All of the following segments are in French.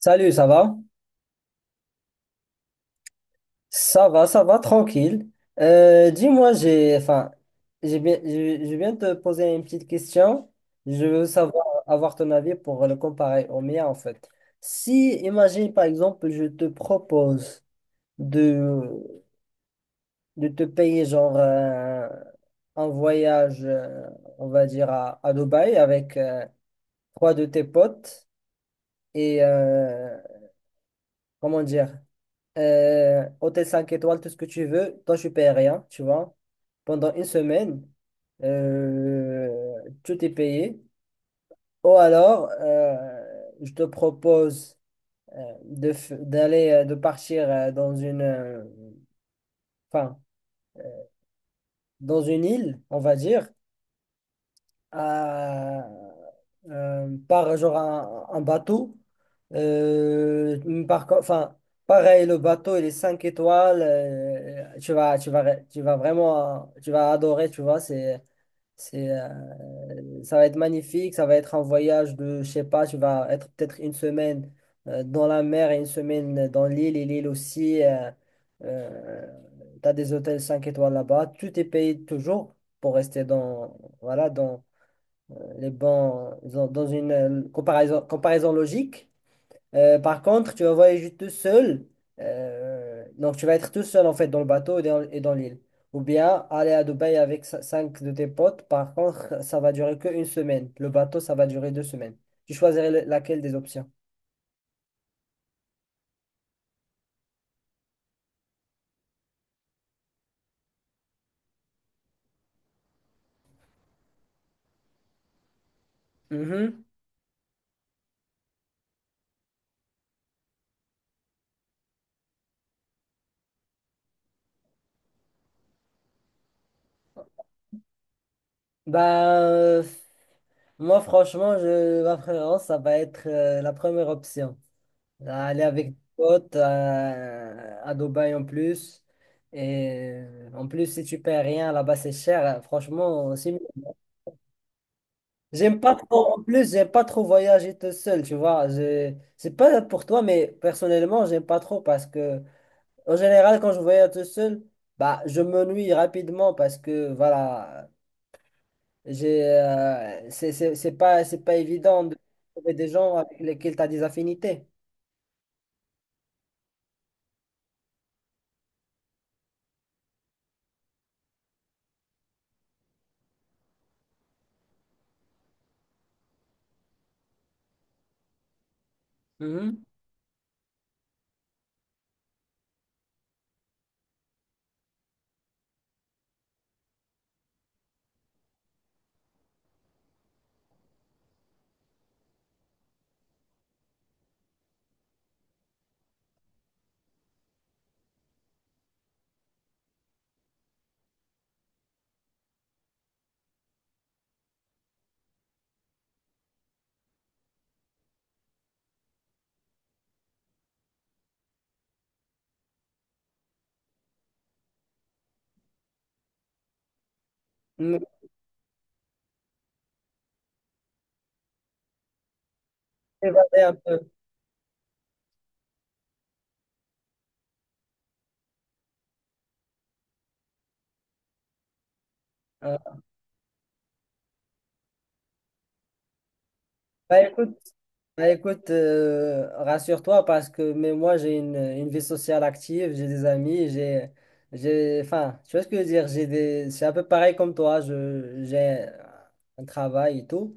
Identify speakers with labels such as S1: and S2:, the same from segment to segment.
S1: Salut, ça va? Ça va, ça va, tranquille. Dis-moi, enfin, j'ai bien, je viens de te poser une petite question. Je veux savoir, avoir ton avis pour le comparer au mien, en fait. Si, imagine, par exemple, je te propose de, de te payer, genre, un voyage, on va dire, à Dubaï avec trois de tes potes et, comment dire? Hôtel 5 étoiles, tout ce que tu veux. Toi, tu payes rien, tu vois. Pendant une semaine, euh, tout est payé. Ou alors, je te propose d'aller, de partir enfin, dans une île, on va dire. à- Par genre un bateau. Enfin, pareil, le bateau, il est 5 étoiles. Tu vas vraiment, tu vas adorer, tu vois. Ça va être magnifique. Ça va être un voyage de, je sais pas, tu vas être peut-être une semaine dans la mer et une semaine dans l'île. Et l'île aussi, tu as des hôtels 5 étoiles là-bas. Tout est payé toujours pour rester dans, voilà, dans, les bons dans dans une comparaison, comparaison logique. Par contre, tu vas voyager tout seul. Donc, tu vas être tout seul en fait dans le bateau et et dans l'île. Ou bien aller à Dubaï avec cinq de tes potes. Par contre, ça va durer qu'une semaine. Le bateau, ça va durer 2 semaines. Tu choisirais laquelle des options? Mhm. Bah, moi, franchement, ma préférence, ça va être la première option. Aller avec des potes à Dubaï en plus. Et en plus, si tu payes rien là-bas, c'est cher, hein. Franchement, c'est mieux. J'aime pas trop, en plus, j'aime pas trop voyager tout seul, tu vois. C'est pas pour toi, mais personnellement, j'aime pas trop parce que, en général, quand je voyage tout seul, bah, je m'ennuie rapidement parce que, voilà, j'ai, c'est pas évident de trouver des gens avec lesquels tu as des affinités. Mhm. Mm. Évader un peu. euh, Bah écoute, Bah écoute, rassure-toi parce que mais moi j'ai une vie sociale active, j'ai des amis, j'ai enfin, tu vois ce que je veux dire, j'ai des c'est un peu pareil comme toi, je j'ai un travail et tout,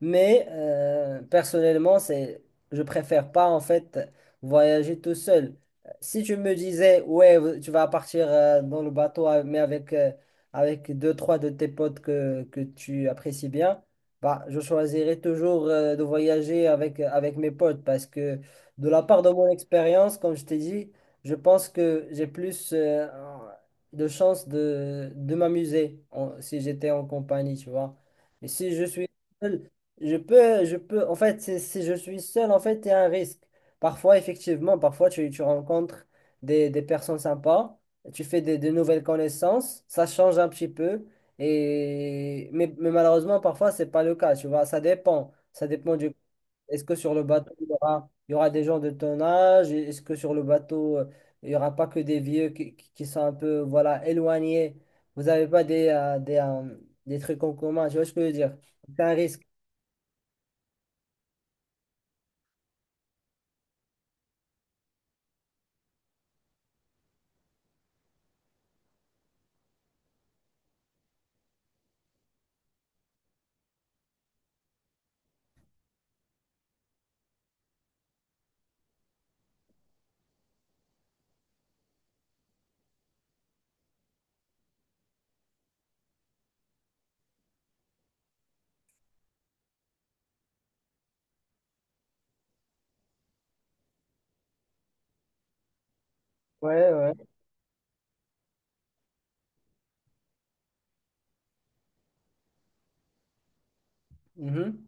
S1: mais personnellement, c'est je préfère pas en fait voyager tout seul. Si tu me disais ouais, tu vas partir dans le bateau mais avec deux trois de tes potes que tu apprécies bien, bah, je choisirais toujours de voyager avec mes potes parce que de la part de mon expérience, comme je t'ai dit, je pense que j'ai plus de chances de m'amuser si j'étais en compagnie, tu vois. Et si je suis seul, je peux, en fait, si je suis seul, en fait, il y a un risque. Parfois, effectivement, parfois, tu rencontres des personnes sympas, tu fais de nouvelles connaissances, ça change un petit peu. Mais malheureusement, parfois, c'est pas le cas, tu vois, ça dépend. Ça dépend du... Est-ce que sur le bateau, il y aura des gens de ton âge? Est-ce que sur le bateau, il n'y aura pas que des vieux qui sont un peu, voilà, éloignés? Vous n'avez pas des trucs en commun, tu vois ce que je veux dire? C'est un risque. Ouais, ouais. Mhm.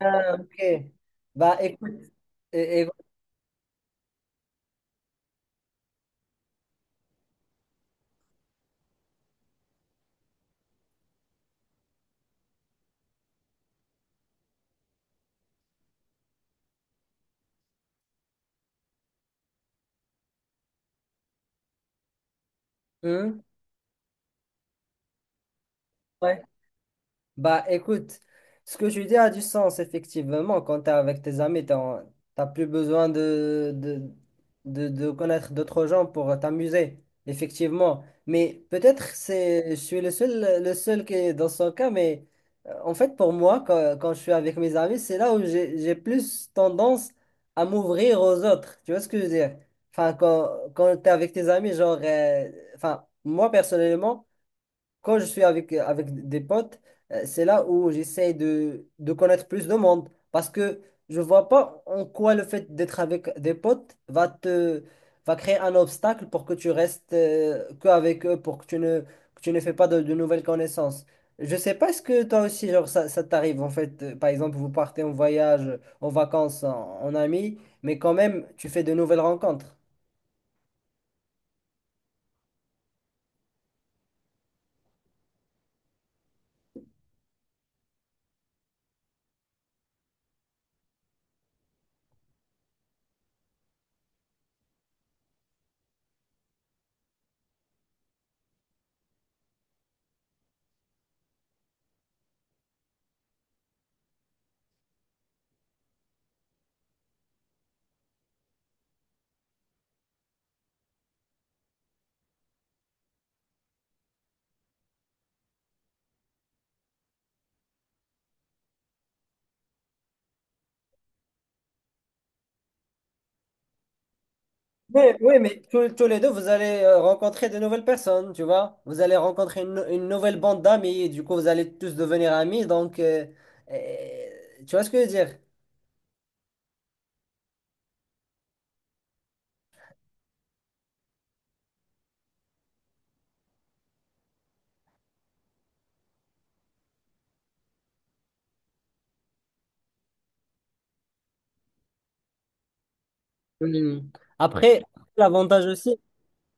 S1: Ah, ok. Bah, écoute. et- et- Hmm? Ouais. Bah écoute, ce que tu dis a du sens, effectivement. Quand t'es avec tes amis, tu t'as plus besoin de connaître d'autres gens pour t'amuser, effectivement. Mais peut-être je suis le seul qui est dans son cas, mais en fait, pour moi, quand je suis avec mes amis, c'est là où j'ai plus tendance à m'ouvrir aux autres. Tu vois ce que je veux dire? Enfin, quand t'es avec tes amis, genre, enfin, moi personnellement, quand je suis avec des potes, c'est là où j'essaie de connaître plus de monde. Parce que je vois pas en quoi le fait d'être avec des potes va créer un obstacle pour que tu restes que avec eux, pour que tu ne fais pas de nouvelles connaissances. Je sais pas, est-ce que toi aussi, genre, ça t'arrive en fait, par exemple, vous partez en voyage, en vacances, en amis, mais quand même, tu fais de nouvelles rencontres. Oui, mais tous les deux, vous allez rencontrer de nouvelles personnes, tu vois. Vous allez rencontrer une nouvelle bande d'amis, et du coup, vous allez tous devenir amis. Donc, tu vois ce que je veux dire? Mhm. Après, l'avantage aussi,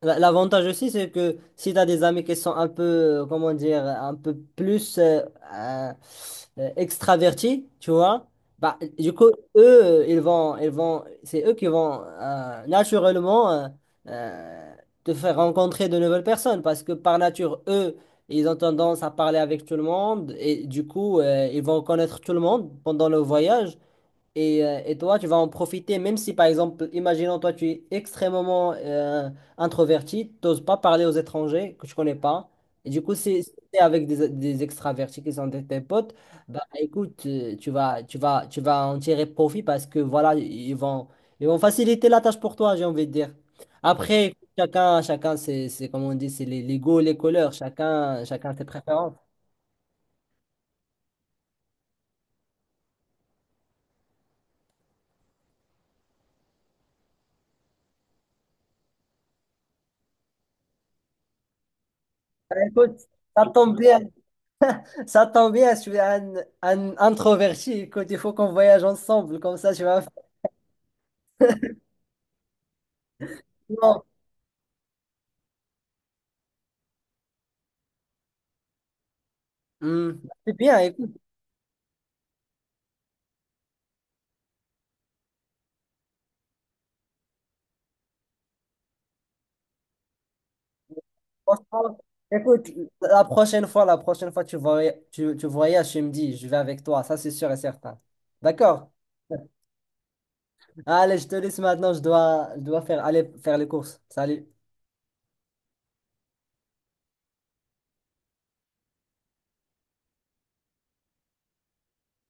S1: L'avantage aussi, c'est que si tu as des amis qui sont un peu, comment dire, un peu plus euh, extravertis, tu vois, bah, du coup, eux, ils vont, c'est eux qui vont naturellement euh, te faire rencontrer de nouvelles personnes parce que par nature, eux, ils ont tendance à parler avec tout le monde et du coup, ils vont connaître tout le monde pendant le voyage. Et toi, tu vas en profiter, même si par exemple, imaginons toi, tu es extrêmement introverti, tu n'oses pas parler aux étrangers que tu connais pas. Et du coup, c'est avec des extravertis qui sont tes potes. Bah écoute, tu vas en tirer profit parce que voilà, ils vont faciliter la tâche pour toi, j'ai envie de dire. Après, écoute, chacun, c'est comme on dit, c'est les goûts, les couleurs, chacun ses préférences. Bah, écoute, ça tombe bien. Ça tombe bien, je suis un introverti. Écoute, il faut qu'on voyage ensemble, comme ça tu vas me faire. Non. Hmm. C'est bien, écoute, franchement, écoute, la prochaine fois tu voyages, tu me dis, je vais avec toi, ça c'est sûr et certain. D'accord? Allez, je te laisse maintenant, je dois aller faire les courses. Salut.